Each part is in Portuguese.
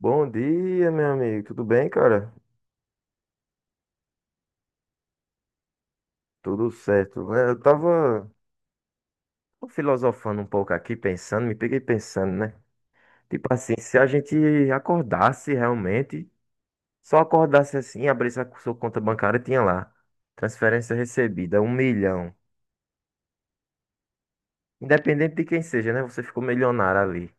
Bom dia, meu amigo. Tudo bem, cara? Tudo certo. É, eu tava filosofando um pouco aqui, pensando, me peguei pensando, né? Tipo assim, se a gente acordasse realmente, só acordasse assim, abrisse a sua conta bancária, tinha lá. Transferência recebida, 1 milhão. Independente de quem seja, né? Você ficou milionário ali,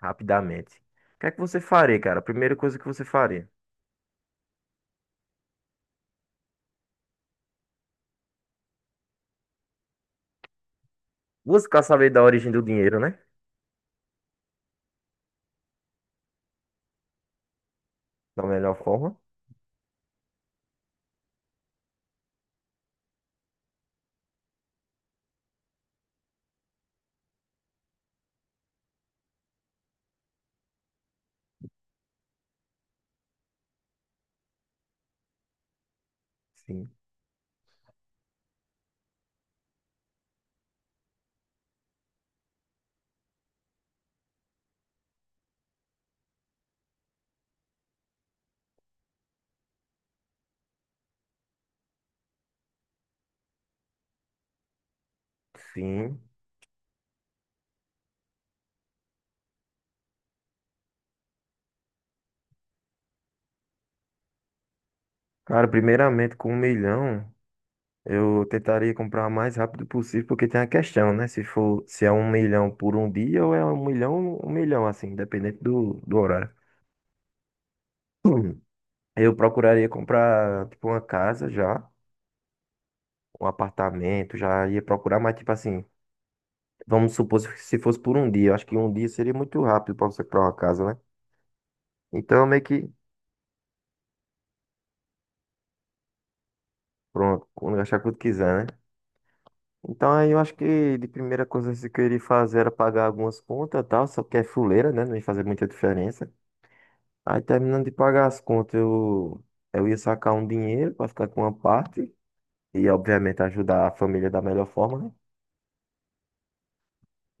rapidamente. O que é que você faria, cara? A primeira coisa que você faria. Buscar saber da origem do dinheiro, né? Da melhor forma. Sim. Sim. Cara, primeiramente, com 1 milhão, eu tentaria comprar o mais rápido possível, porque tem a questão, né? Se for, se é 1 milhão por um dia ou é 1 milhão, 1 milhão, assim, independente do horário. Hum. Eu procuraria comprar, tipo, uma casa já, um apartamento, já ia procurar, mas, tipo assim, vamos supor se fosse por um dia. Eu acho que um dia seria muito rápido pra você comprar uma casa, né? Então, meio que, pronto, quando achar quanto quiser, né? Então aí eu acho que de primeira coisa que eu queria fazer era pagar algumas contas e tal, só que é fuleira, né? Não ia fazer muita diferença. Aí terminando de pagar as contas, eu ia sacar um dinheiro para ficar com uma parte e obviamente ajudar a família da melhor forma, né?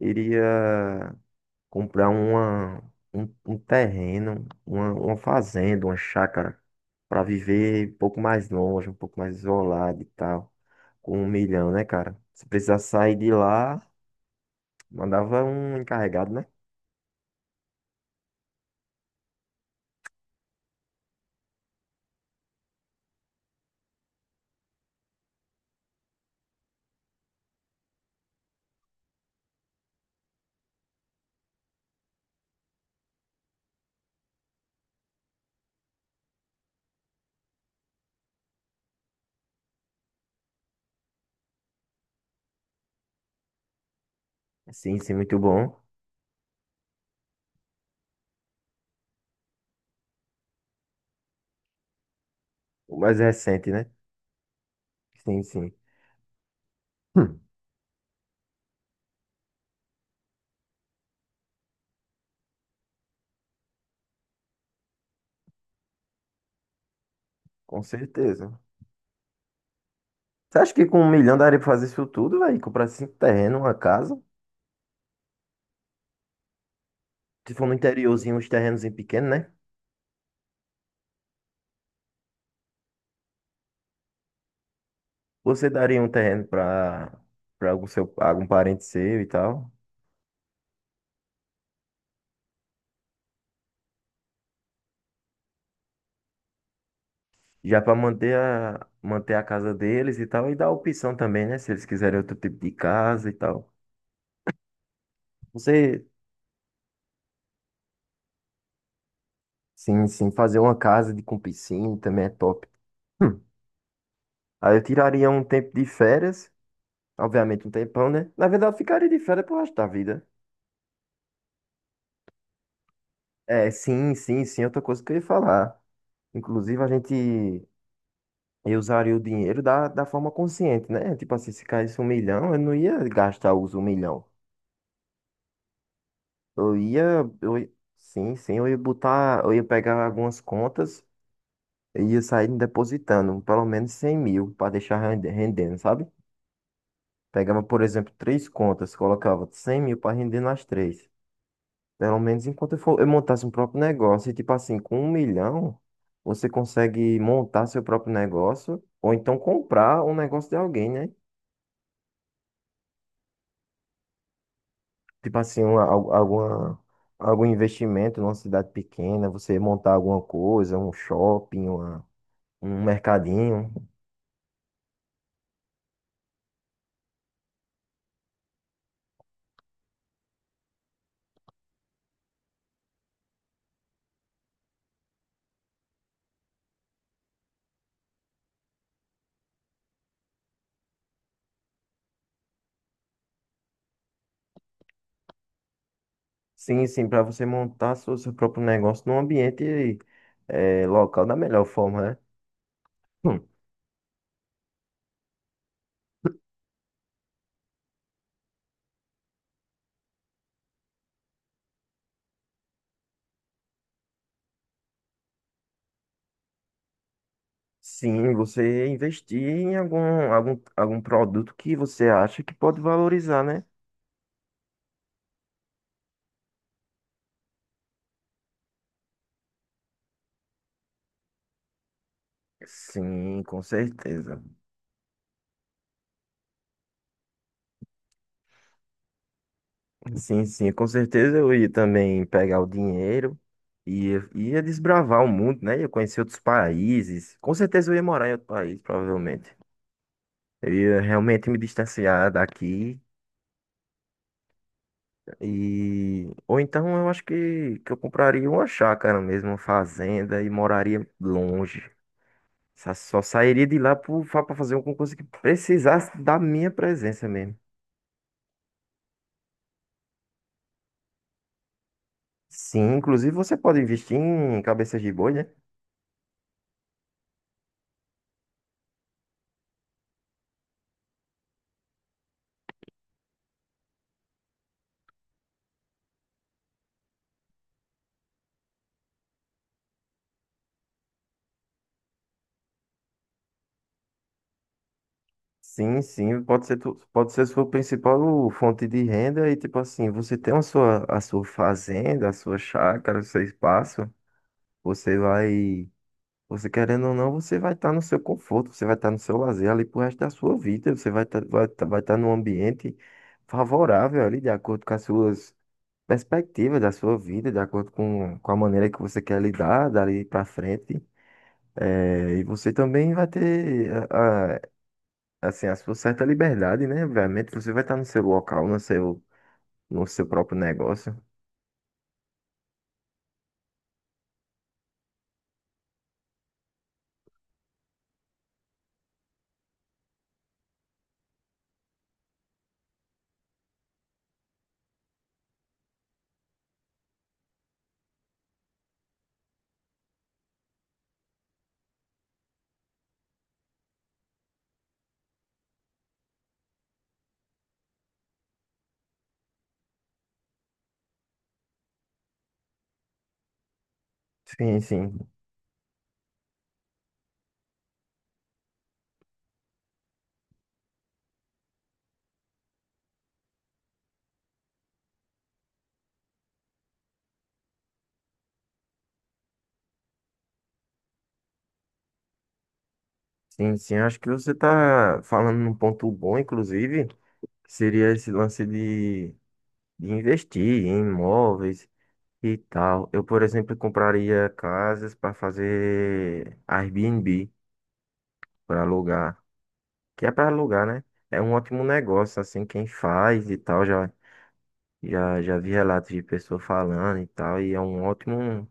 Iria comprar uma, um terreno, uma fazenda, uma chácara para viver um pouco mais longe, um pouco mais isolado e tal, com 1 milhão, né, cara? Se precisasse sair de lá, mandava um encarregado, né? Sim, sim, muito bom. O mais recente, né? Sim, sim. Hum, com certeza. Você acha que com 1 milhão daria pra fazer isso tudo, velho? Comprar cinco terrenos, uma casa? Se for no interiorzinho, uns terrenos em pequeno, né? Você daria um terreno pra algum seu, algum parente seu e tal? Já pra manter a casa deles e tal. E dar opção também, né? Se eles quiserem outro tipo de casa e tal. Você, sim, sim, fazer uma casa de, com piscina também é top. Hum. Aí eu tiraria um tempo de férias. Obviamente um tempão, né? Na verdade, eu ficaria de férias pro resto da vida. Sim, sim, sim, outra coisa que eu ia falar. Inclusive, a gente eu usaria o dinheiro da forma consciente, né? Tipo assim, se caísse 1 milhão, eu não ia gastar os 1 milhão. Eu ia, eu, ia- sim, sim, eu ia botar, eu ia pegar algumas contas e ia sair depositando pelo menos 100 mil para deixar rendendo, sabe? Pegava, por exemplo, três contas, colocava 100 mil para render nas três. Pelo menos enquanto eu montasse um próprio negócio. E tipo assim, com 1 milhão, você consegue montar seu próprio negócio ou então comprar um negócio de alguém, né? Tipo assim, algum investimento numa cidade pequena, você montar alguma coisa, um shopping, um mercadinho. Sim, sim, para você montar seu próprio negócio num ambiente local da melhor forma, né? Sim, você investir em algum produto que você acha que pode valorizar, né? Sim, com certeza. Sim, sim, com certeza eu ia também pegar o dinheiro e ia desbravar o mundo, né? Ia conhecer outros países. Com certeza eu ia morar em outro país, provavelmente. Eu ia realmente me distanciar daqui e ou então eu acho que eu compraria uma chácara mesmo, uma fazenda e moraria longe. Só sairia de lá para fazer um concurso que precisasse da minha presença mesmo. Sim, inclusive você pode investir em cabeças de boi, né? Sim, sim, pode ser, pode ser sua principal fonte de renda e tipo assim, você tem a sua fazenda, a sua chácara, o seu espaço, você vai, você querendo ou não, você vai estar no seu conforto, você vai estar no seu lazer ali pro resto da sua vida, você vai estar vai tá num ambiente favorável ali, de acordo com as suas perspectiva da sua vida, de acordo com a maneira que você quer lidar dali para frente. É, e você também vai ter assim, a sua certa liberdade, né? Obviamente, você vai estar no seu local, no seu próprio negócio. Sim, sim. Sim, sim. Acho que você está falando num ponto bom, inclusive, que seria esse lance de investir em imóveis e tal. Eu, por exemplo, compraria casas para fazer Airbnb, para alugar. Que é para alugar, né? É um ótimo negócio, assim, quem faz e tal, já vi relatos de pessoa falando e tal, e é um ótimo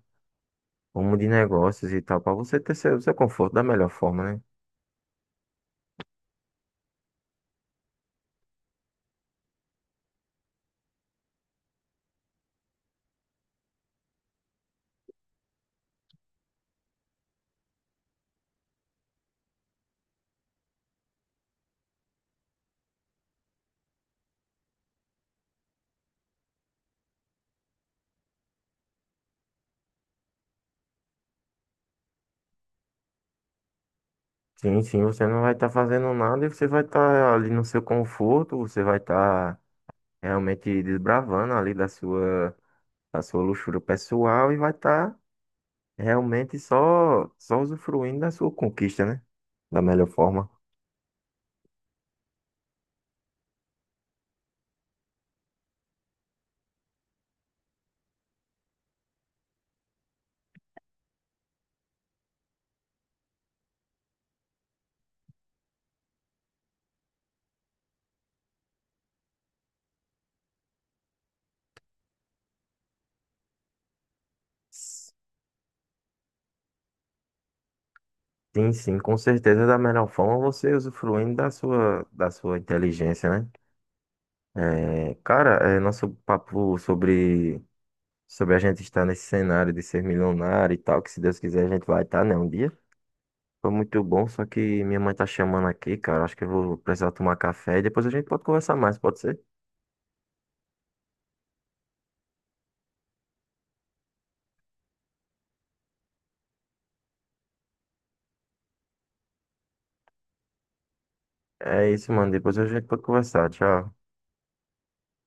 rumo de negócios e tal, para você ter seu conforto da melhor forma, né? Sim, sim, você não vai estar fazendo nada e você vai estar ali no seu conforto, você vai estar realmente desbravando ali da sua luxúria pessoal e vai estar realmente só usufruindo da sua conquista, né? Da melhor forma. Sim, sim, com certeza da melhor forma você usufruindo da sua inteligência, né? É, cara, é, nosso papo sobre a gente estar nesse cenário de ser milionário e tal, que se Deus quiser a gente vai estar, né, um dia. Foi muito bom, só que minha mãe tá chamando aqui, cara. Acho que eu vou precisar tomar café e depois a gente pode conversar mais, pode ser? É isso, mano. Depois a gente pode conversar. Tchau.